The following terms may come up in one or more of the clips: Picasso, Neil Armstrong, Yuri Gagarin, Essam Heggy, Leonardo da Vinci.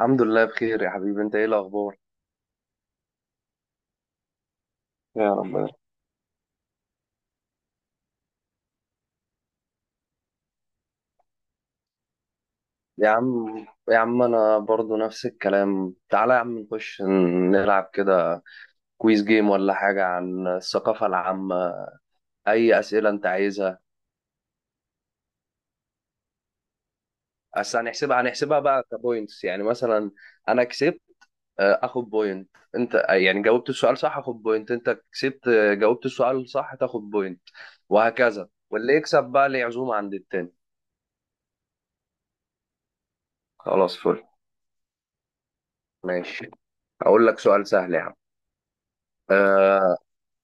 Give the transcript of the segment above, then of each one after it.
الحمد لله بخير يا حبيبي، انت ايه الاخبار؟ يا رب يا رب. يا عم، يا عم انا برضو نفس الكلام. تعالى يا عم نخش نلعب كده كويز جيم ولا حاجة عن الثقافة العامة. اي اسئلة انت عايزها. بس هنحسبها، بقى كبوينتس. يعني مثلا انا كسبت، اخد بوينت. انت، يعني جاوبت السؤال صح، اخد بوينت. انت كسبت، جاوبت السؤال صح، تاخد بوينت. وهكذا، واللي يكسب بقى ليه عزومة عند التاني. خلاص، فل. ماشي، هقول لك سؤال سهل يا عم. آه،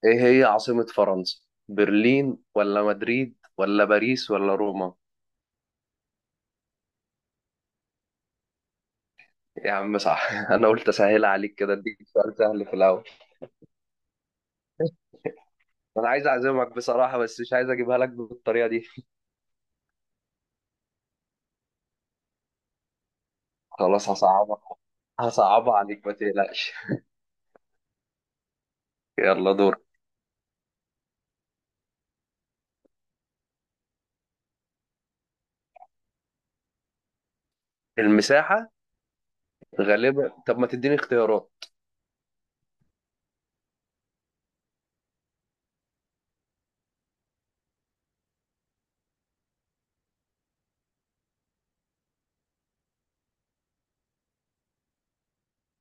ايه هي عاصمة فرنسا؟ برلين ولا مدريد ولا باريس ولا روما؟ يا عم صح. انا قلت اسهلها عليك كده، اديك سؤال سهل في الاول. انا عايز اعزمك بصراحة بس مش عايز اجيبها لك بالطريقة دي. خلاص هصعبها، هصعبها عليك، ما تقلقش. يلا دور. المساحة. غالبا. طب ما تديني اختيارات.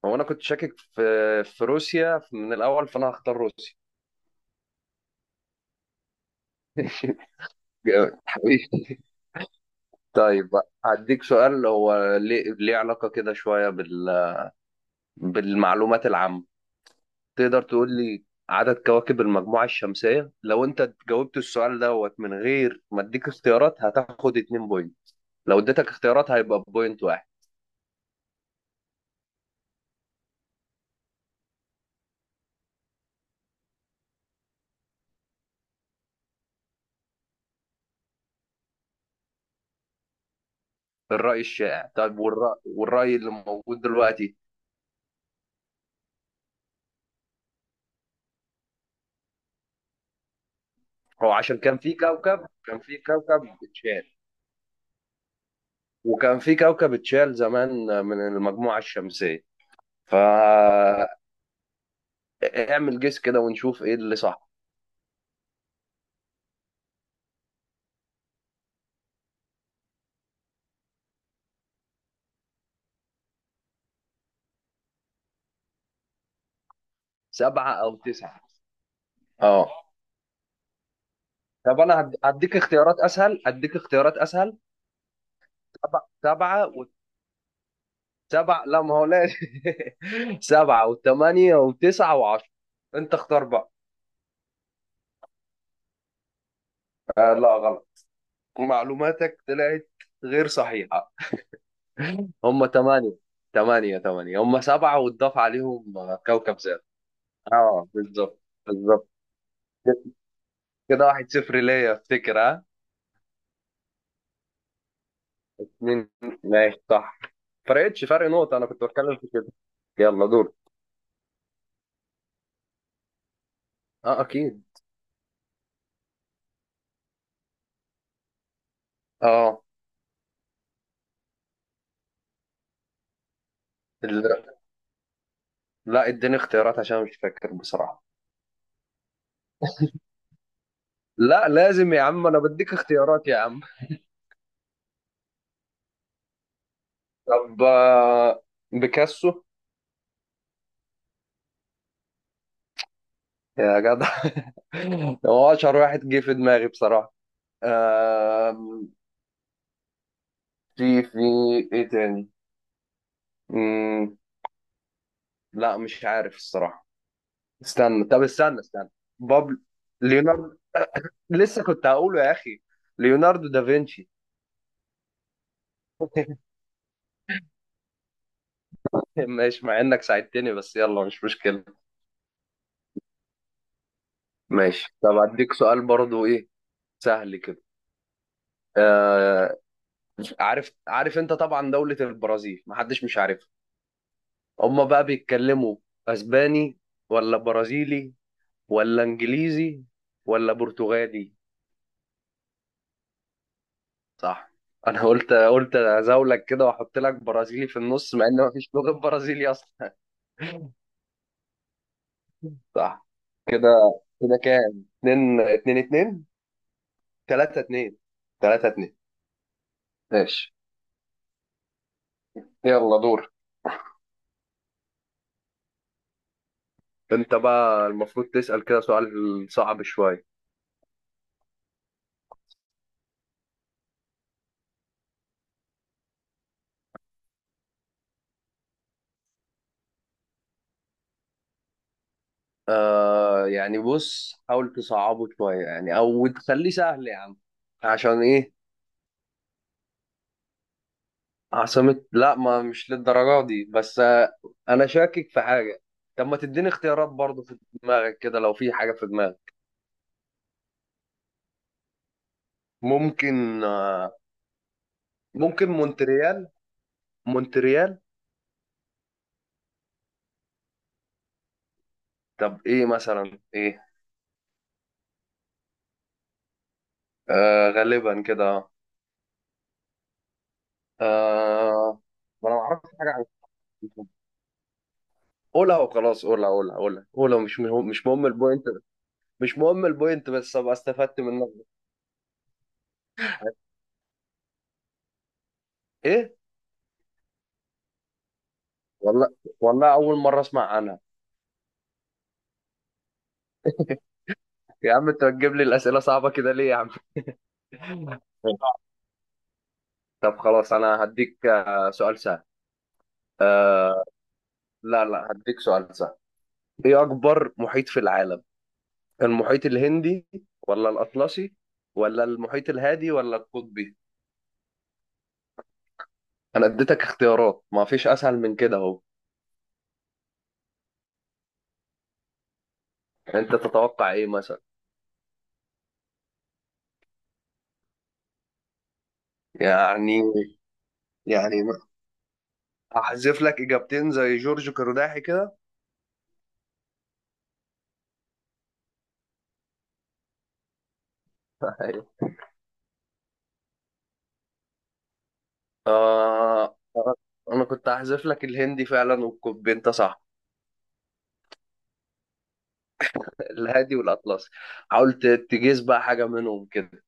هو انا كنت شاكك في روسيا من الاول، فانا هختار روسيا. جامد حبيبي. طيب هديك سؤال، هو ليه، ليه علاقة كده شوية بالمعلومات العامة. تقدر تقول لي عدد كواكب المجموعة الشمسية؟ لو انت جاوبت السؤال دوت من غير ما اديك اختيارات هتاخد اتنين بوينت، لو اديتك اختيارات هيبقى بوينت واحد. الرأي الشائع؟ طيب، والرأي اللي موجود دلوقتي؟ هو عشان كان في كوكب، اتشال، وكان في كوكب اتشال زمان من المجموعة الشمسية. فاعمل جيس كده ونشوف ايه اللي صح. سبعة او تسعة؟ اه. طب انا هديك اختيارات اسهل، هديك اختيارات اسهل. سبعة، سبعة وسبعة لا، ما هو لا. سبعة وثمانية وتسعة وعشرة. انت اختار بقى. آه لا، غلط. معلوماتك طلعت غير صحيحة. هم ثمانية. ثمانية، هم سبعة واتضاف عليهم، كوكب زاد. اه بالظبط، بالظبط. كده واحد صفر ليا، افتكر ها؟ مين؟ ماشي، صح. فرقتش، فرق نقطة، انا كنت بتكلم في كده. يلا دور. اه اكيد. اه لا، اديني اختيارات عشان مش فاكر بصراحة. لا لازم يا عم، انا بديك اختيارات يا عم. طب، بيكاسو. يا جدع. هو اشهر واحد جه في دماغي بصراحة. آم، في ايه تاني؟ مم، لا مش عارف الصراحة. استنى، طب استنى، بابل. ليوناردو. لسه كنت هقوله يا اخي، ليوناردو دافنشي. ماشي، مع انك ساعدتني بس يلا، مش مشكلة. ماشي، طب اديك سؤال برضو ايه، سهل كده. آه، عارف، عارف انت طبعا دولة البرازيل محدش مش عارفها. هما بقى بيتكلموا اسباني ولا برازيلي ولا انجليزي ولا برتغالي؟ صح. انا قلت، ازولك كده واحط لك برازيلي في النص مع ان مفيش لغة برازيلي اصلا. صح كده. كده كام؟ اتنين اتنين، تلاتة اتنين، تلاتة اتنين. ماشي. يلا دور. انت بقى المفروض تسأل كده سؤال صعب شوية. آه يعني بص، حاول تصعبه شوية يعني أو تخليه سهل يا عم. عشان إيه؟ عاصمة؟ لا، ما مش للدرجة دي بس آه. أنا شاكك في حاجة. طب ما تديني اختيارات برضه، في دماغك كده لو في حاجة في دماغك. ممكن آه. ممكن مونتريال. مونتريال. طب إيه مثلا، إيه؟ آه غالبا كده آه. آه، ما أنا ما أعرفش حاجة عن. قولها وخلاص، قولها، قولها، قولها، قولها، مش مهم، مش مهم البوينت. مش مهم البوينت، بس أبقى استفدت منك. ايه؟ والله. والله اول مره اسمع عنها. يا عم انت بتجيب لي الاسئله صعبه كده ليه يا عم؟ طب خلاص انا هديك، سؤال سهل. آه. لا لا، هديك سؤال سهل. ايه اكبر محيط في العالم؟ المحيط الهندي ولا الاطلسي ولا المحيط الهادي ولا القطبي؟ انا اديتك اختيارات، ما فيش اسهل من كده اهو. انت تتوقع ايه مثلا؟ يعني، يعني احذف لك اجابتين زي جورج قرداحي كده. آه، أنا كنت هحذف لك الهندي فعلا والكوبي، أنت صح. الهادي والأطلسي. حاولت تجيز بقى حاجة منهم كده.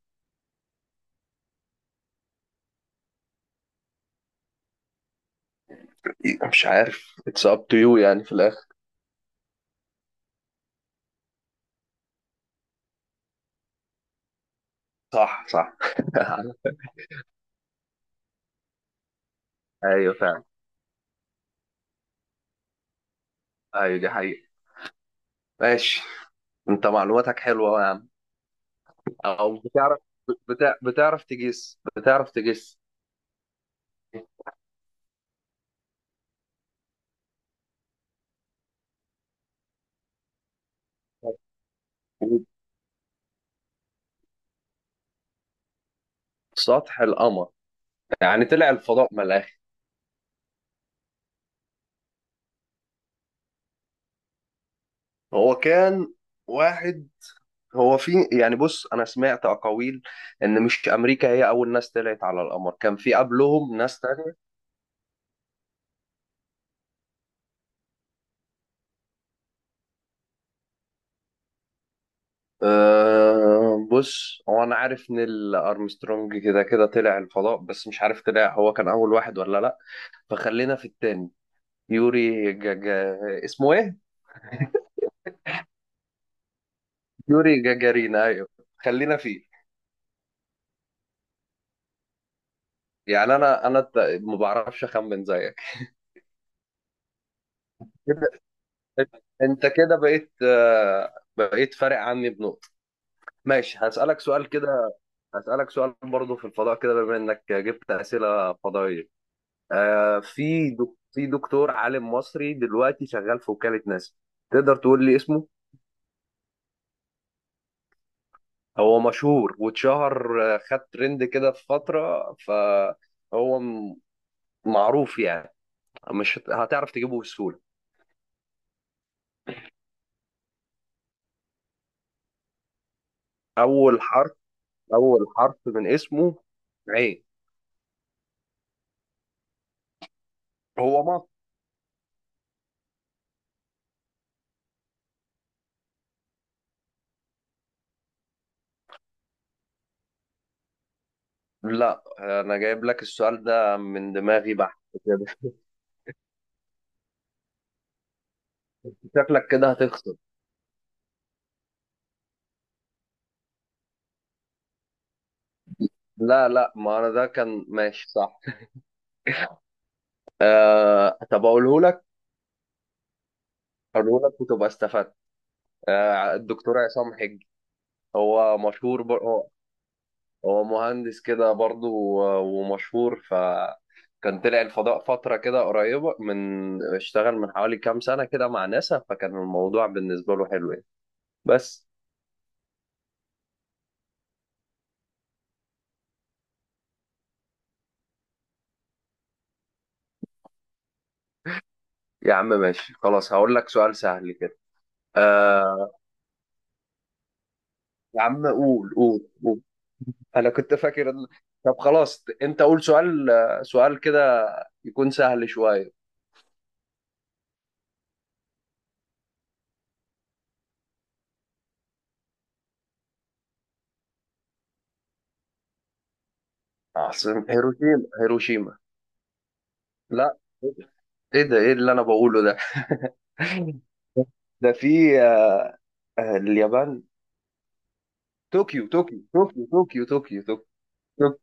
مش عارف، اتس اب تو يو يعني في الآخر. صح صح. أيوه فعلا. أيوه دي حقيقة. ماشي. أنت معلوماتك حلوة يا عم. أو بتعرف، بتعرف تجيس، بتعرف تجيس. سطح القمر؟ يعني طلع الفضاء من الآخر. هو كان واحد، هو في يعني بص انا سمعت اقاويل ان مش امريكا هي اول ناس طلعت على القمر، كان في قبلهم ناس تانية. أه بص، هو انا عارف نيل ارمسترونج كده كده طلع الفضاء بس مش عارف طلع هو كان اول واحد ولا لا. فخلينا في التاني، يوري جاجا، اسمه ايه؟ يوري جاجارين ايوه، خلينا فيه. يعني انا، ما بعرفش اخمن زيك. كده انت كده بقيت، بقيت فارق عني بنقطة. ماشي، هسألك سؤال كده، هسألك سؤال برضه في الفضاء كده بما إنك جبت أسئلة فضائية. آه في في دكتور عالم مصري دلوقتي شغال في وكالة ناسا. تقدر تقول لي اسمه؟ هو مشهور واتشهر، خد ترند كده في فترة، فهو معروف يعني، مش هت- هتعرف تجيبه بسهولة. أول حرف، أول حرف من اسمه عين. هو مصري. لا، أنا جايب لك السؤال ده من دماغي بحت. كده شكلك كده هتخسر. لا لا، ما انا ده كان ماشي صح. آه طب اقوله لك، اقوله لك وتبقى استفدت. آه، الدكتور عصام حجي. هو هو، هو مهندس كده برضه ومشهور ف، كان طلع الفضاء فترة كده قريبة من، اشتغل من حوالي كام سنة كده مع ناسا، فكان الموضوع بالنسبة له حلو يعني. بس. يا عم ماشي خلاص، هقول لك سؤال سهل كده. آه. يا عم قول، قول، قول. انا كنت فاكر طب خلاص انت قول سؤال، سؤال كده يكون سهل شوية. عاصمة هيروشيما؟ هيروشيما؟ لا، ايه ده، ايه اللي انا بقوله ده؟ ده في، اليابان. طوكيو، طوكيو، طوكيو، طوكيو، طوكيو، طوكيو.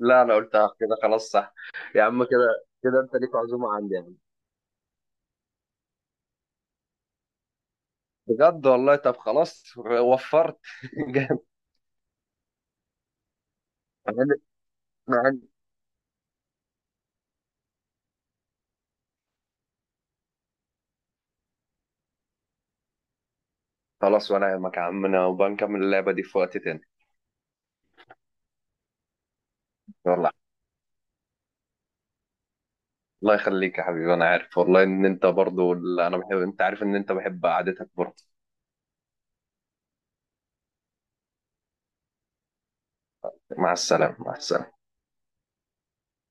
لا انا قلتها كده خلاص، صح. يا عم كده كده انت ليك عزومة عندي يا عم. بجد والله. طب خلاص وفرت. جامد. أنا- أنا- عندي- خلاص، وانا يهمك يا عمنا، وبنكمل اللعبة دي في وقت تاني. والله. الله يخليك يا حبيبي، انا عارف والله ان انت برضو، انا بحب، انت عارف ان انت بحب قعدتك برضو. مع السلامة، مع السلامة.